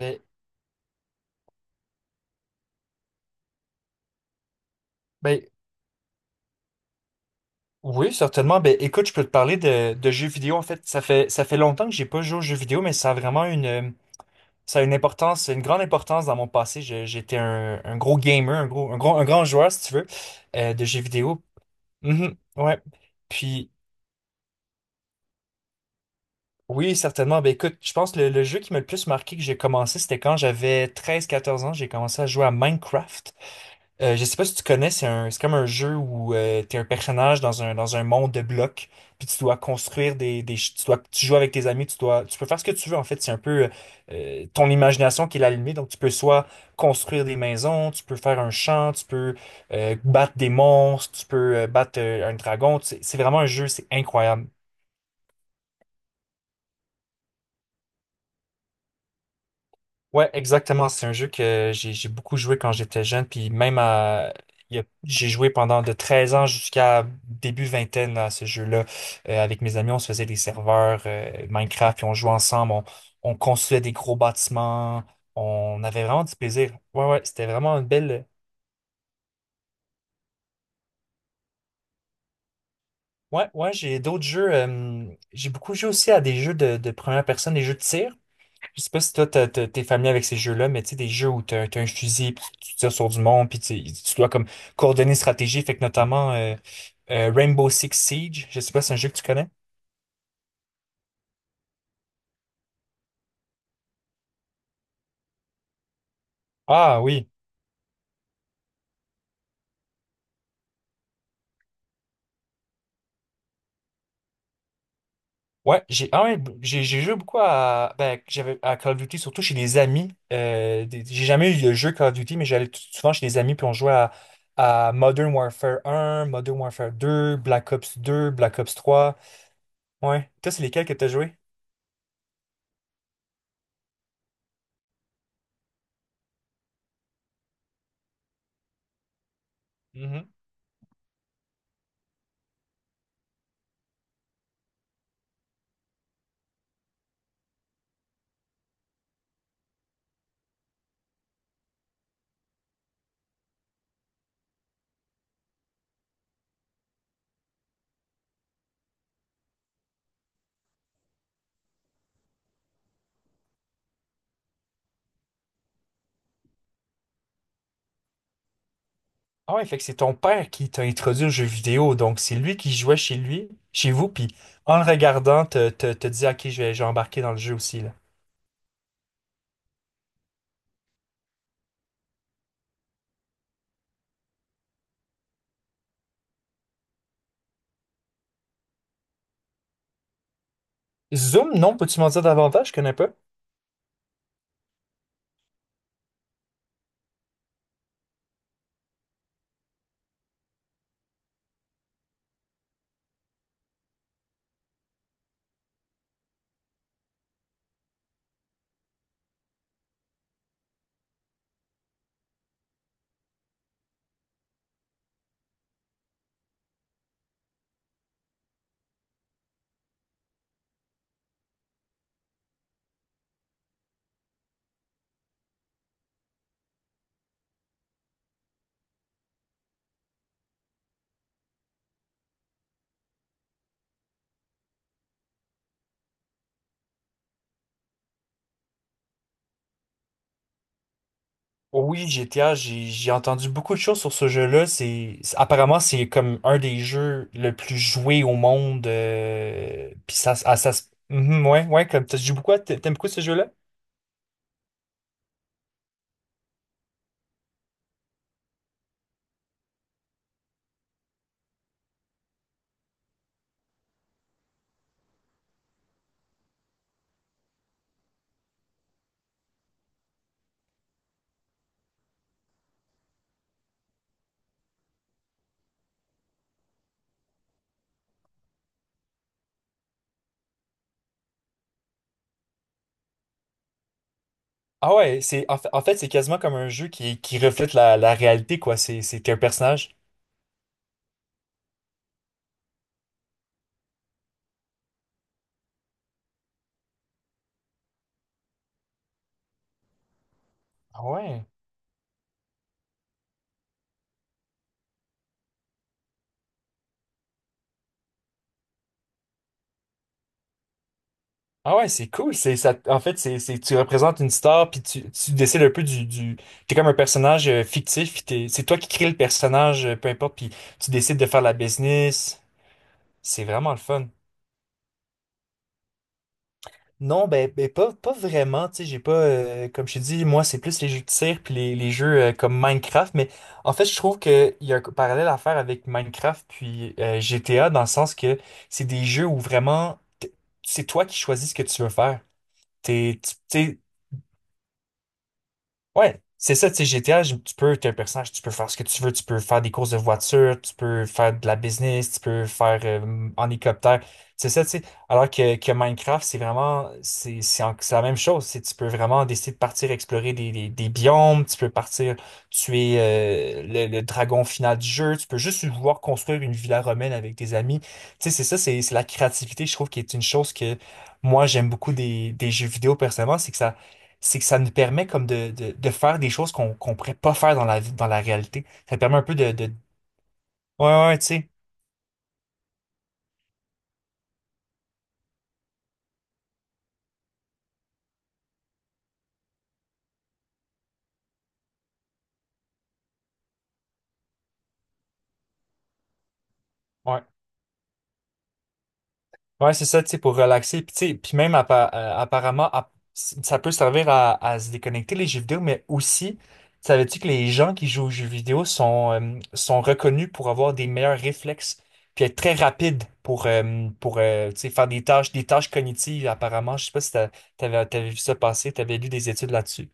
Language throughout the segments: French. Ben, ben, oui, certainement. Ben, écoute, je peux te parler de jeux vidéo. En fait, ça fait longtemps que j'ai pas joué aux jeux vidéo, mais ça a vraiment une, ça a une importance, une grande importance dans mon passé. J'étais un gros gamer, un grand joueur, si tu veux, de jeux vidéo. Mhm, ouais. Puis, oui, certainement. Ben, écoute, je pense que le jeu qui m'a le plus marqué que j'ai commencé, c'était quand j'avais 13 14 ans. J'ai commencé à jouer à Minecraft. Je sais pas si tu connais, c'est comme un jeu où t'es un personnage dans un monde de blocs, puis tu dois construire des, ch- tu dois, tu joues avec tes amis, tu peux faire ce que tu veux en fait. C'est un peu ton imagination qui est la limite. Donc tu peux soit construire des maisons, tu peux faire un champ, tu peux battre des monstres, tu peux battre un dragon. C'est vraiment un jeu, c'est incroyable. Ouais, exactement. C'est un jeu que j'ai beaucoup joué quand j'étais jeune, puis même à il y a- j'ai joué pendant de 13 ans jusqu'à début vingtaine à ce jeu-là. Avec mes amis, on se faisait des serveurs Minecraft, puis on jouait ensemble, on construisait des gros bâtiments, on avait vraiment du plaisir. Ouais, ouais, c'était vraiment une belle. Ouais, ouais, j'ai d'autres jeux. J'ai beaucoup joué aussi à des jeux de première personne, des jeux de tir. Je sais pas si toi, t'es familier avec ces jeux-là, mais tu sais, des jeux où t'as un fusil, puis tu tires sur du monde, puis tu dois comme coordonner une stratégie, fait que notamment Rainbow Six Siege, je sais pas si c'est un jeu que tu connais. Ah oui. Ouais, j'ai ah ouais, j'ai joué beaucoup à ben j'avais à Call of Duty surtout chez des amis. J'ai jamais eu le jeu Call of Duty mais j'allais souvent chez des amis puis on jouait à Modern Warfare 1 Modern Warfare 2 Black Ops 2 Black Ops 3. Ouais, toi c'est lesquels que t'as joué? Ah ouais, fait que c'est ton père qui t'a introduit aux jeux vidéo, donc c'est lui qui jouait chez lui, chez vous, puis en le regardant, te dit, OK, je vais embarquer dans le jeu aussi, là. Zoom, non, peux-tu m'en dire davantage? Je connais pas. Oui, GTA, j'ai entendu beaucoup de choses sur ce jeu-là. Apparemment, c'est comme un des jeux le plus joué au monde. Puis ça, s- ah, ça, se- Mhm, ouais, ouais, comme tu joues beaucoup, t'aimes beaucoup ce jeu-là? Ah ouais, c'est, en fait, c'est quasiment comme un jeu qui reflète la réalité, quoi. C'est T'es un personnage. Ah ouais. Ah ouais, c'est cool. C'est ça. En fait, c'est tu représentes une star puis tu décides un peu du. T'es comme un personnage fictif. C'est toi qui crée le personnage, peu importe. Puis tu décides de faire la business. C'est vraiment le fun. Non, ben pas vraiment. Tu sais, j'ai pas comme je t'ai dit, moi c'est plus les jeux de tir puis les jeux comme Minecraft. Mais en fait, je trouve que il y a un parallèle à faire avec Minecraft puis GTA dans le sens que c'est des jeux où vraiment c'est toi qui choisis ce que tu veux faire. T'es, Ouais, c'est ça, tu sais, GTA, tu peux, t'es un personnage, tu peux faire ce que tu veux, tu peux faire des courses de voiture, tu peux faire de la business, tu peux faire en hélicoptère. C'est ça, tu sais. Alors que Minecraft, c'est vraiment, c'est la même chose. C'est, tu peux vraiment décider de partir explorer des biomes, tu peux partir tuer le dragon final du jeu, tu peux juste vouloir construire une villa romaine avec tes amis. Tu sais, c'est ça, c'est la créativité, je trouve, qui est une chose que moi, j'aime beaucoup des jeux vidéo personnellement, c'est que ça nous permet comme de faire des choses qu'on pourrait pas faire dans la vie, dans la réalité. Ça permet un peu. Ouais, ouais, tu sais. Ouais, ouais, c'est ça, tu sais, pour relaxer. Puis, tu sais, puis même apparemment, ça peut servir à se déconnecter les jeux vidéo, mais aussi, savais-tu que les gens qui jouent aux jeux vidéo sont reconnus pour avoir des meilleurs réflexes, puis être très rapides pour, tu sais, faire des tâches cognitives, apparemment. Je sais pas si t'avais vu ça passer, t'avais lu des études là-dessus.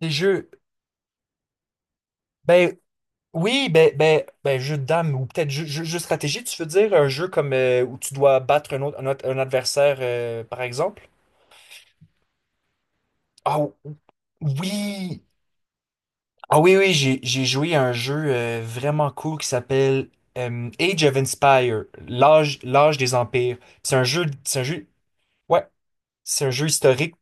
Les jeux. Ben, Oui, jeu de dame ou peut-être jeu de stratégie, tu veux dire un jeu comme où tu dois battre un adversaire, par exemple? Ah oui! Ah oui, oui, j'ai joué à un jeu vraiment cool qui s'appelle Age of Empire, l'âge des empires. C'est un jeu, c'est un jeu, ouais, c'est un jeu historique.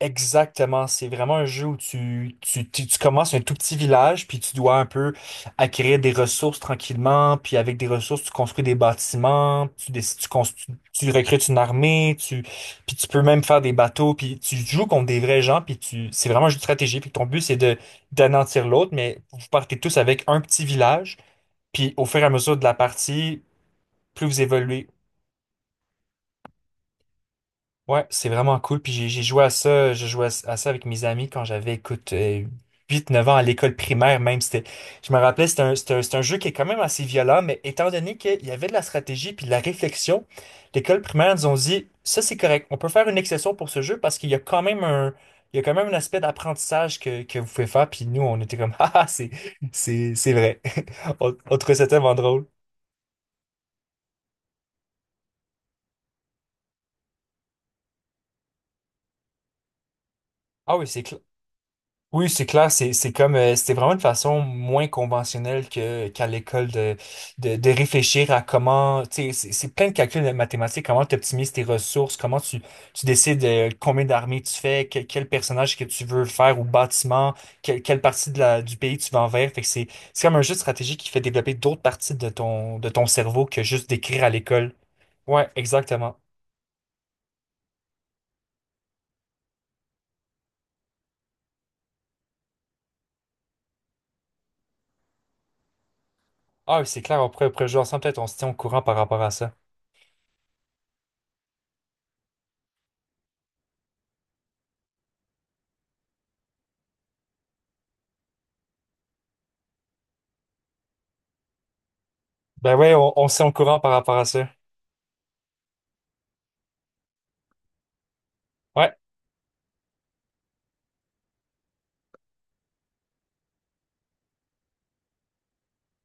Exactement, c'est vraiment un jeu où tu commences un tout petit village, puis tu dois un peu acquérir des ressources tranquillement, puis avec des ressources, tu construis des bâtiments, tu recrutes une armée, puis tu peux même faire des bateaux, puis tu joues contre des vrais gens, puis c'est vraiment un jeu de stratégie, puis ton but c'est de d'anéantir l'autre, mais vous partez tous avec un petit village, puis au fur et à mesure de la partie, plus vous évoluez. Ouais, c'est vraiment cool. Puis j'ai joué à ça, je jouais à ça avec mes amis quand j'avais, écoute, 8 9 ans à l'école primaire même. C'était, je me rappelais, c'est un jeu qui est quand même assez violent, mais étant donné qu'il y avait de la stratégie puis de la réflexion, l'école primaire nous ont dit, ça c'est correct, on peut faire une exception pour ce jeu parce qu'il y a quand même un aspect d'apprentissage que vous pouvez faire. Puis nous, on était comme, c'est vrai. On trouvait ça tellement drôle. Ah oui, c'est clair. Oui, c'est clair, c'est comme c'était vraiment une façon moins conventionnelle que qu'à l'école de réfléchir à comment, tu sais, c'est plein de calculs de mathématiques, comment tu optimises tes ressources, comment tu décides combien d'armées tu fais, quel personnage que tu veux faire ou bâtiment, quelle partie de la du pays tu vas envers. Fait que c'est comme un jeu de stratégie qui fait développer d'autres parties de ton cerveau que juste d'écrire à l'école. Ouais, exactement. Ah, oui, c'est clair, on pourrait jouer ensemble, peut-être on se tient au courant par rapport à ça. Ben ouais, on se tient au courant par rapport à ça. Ouais.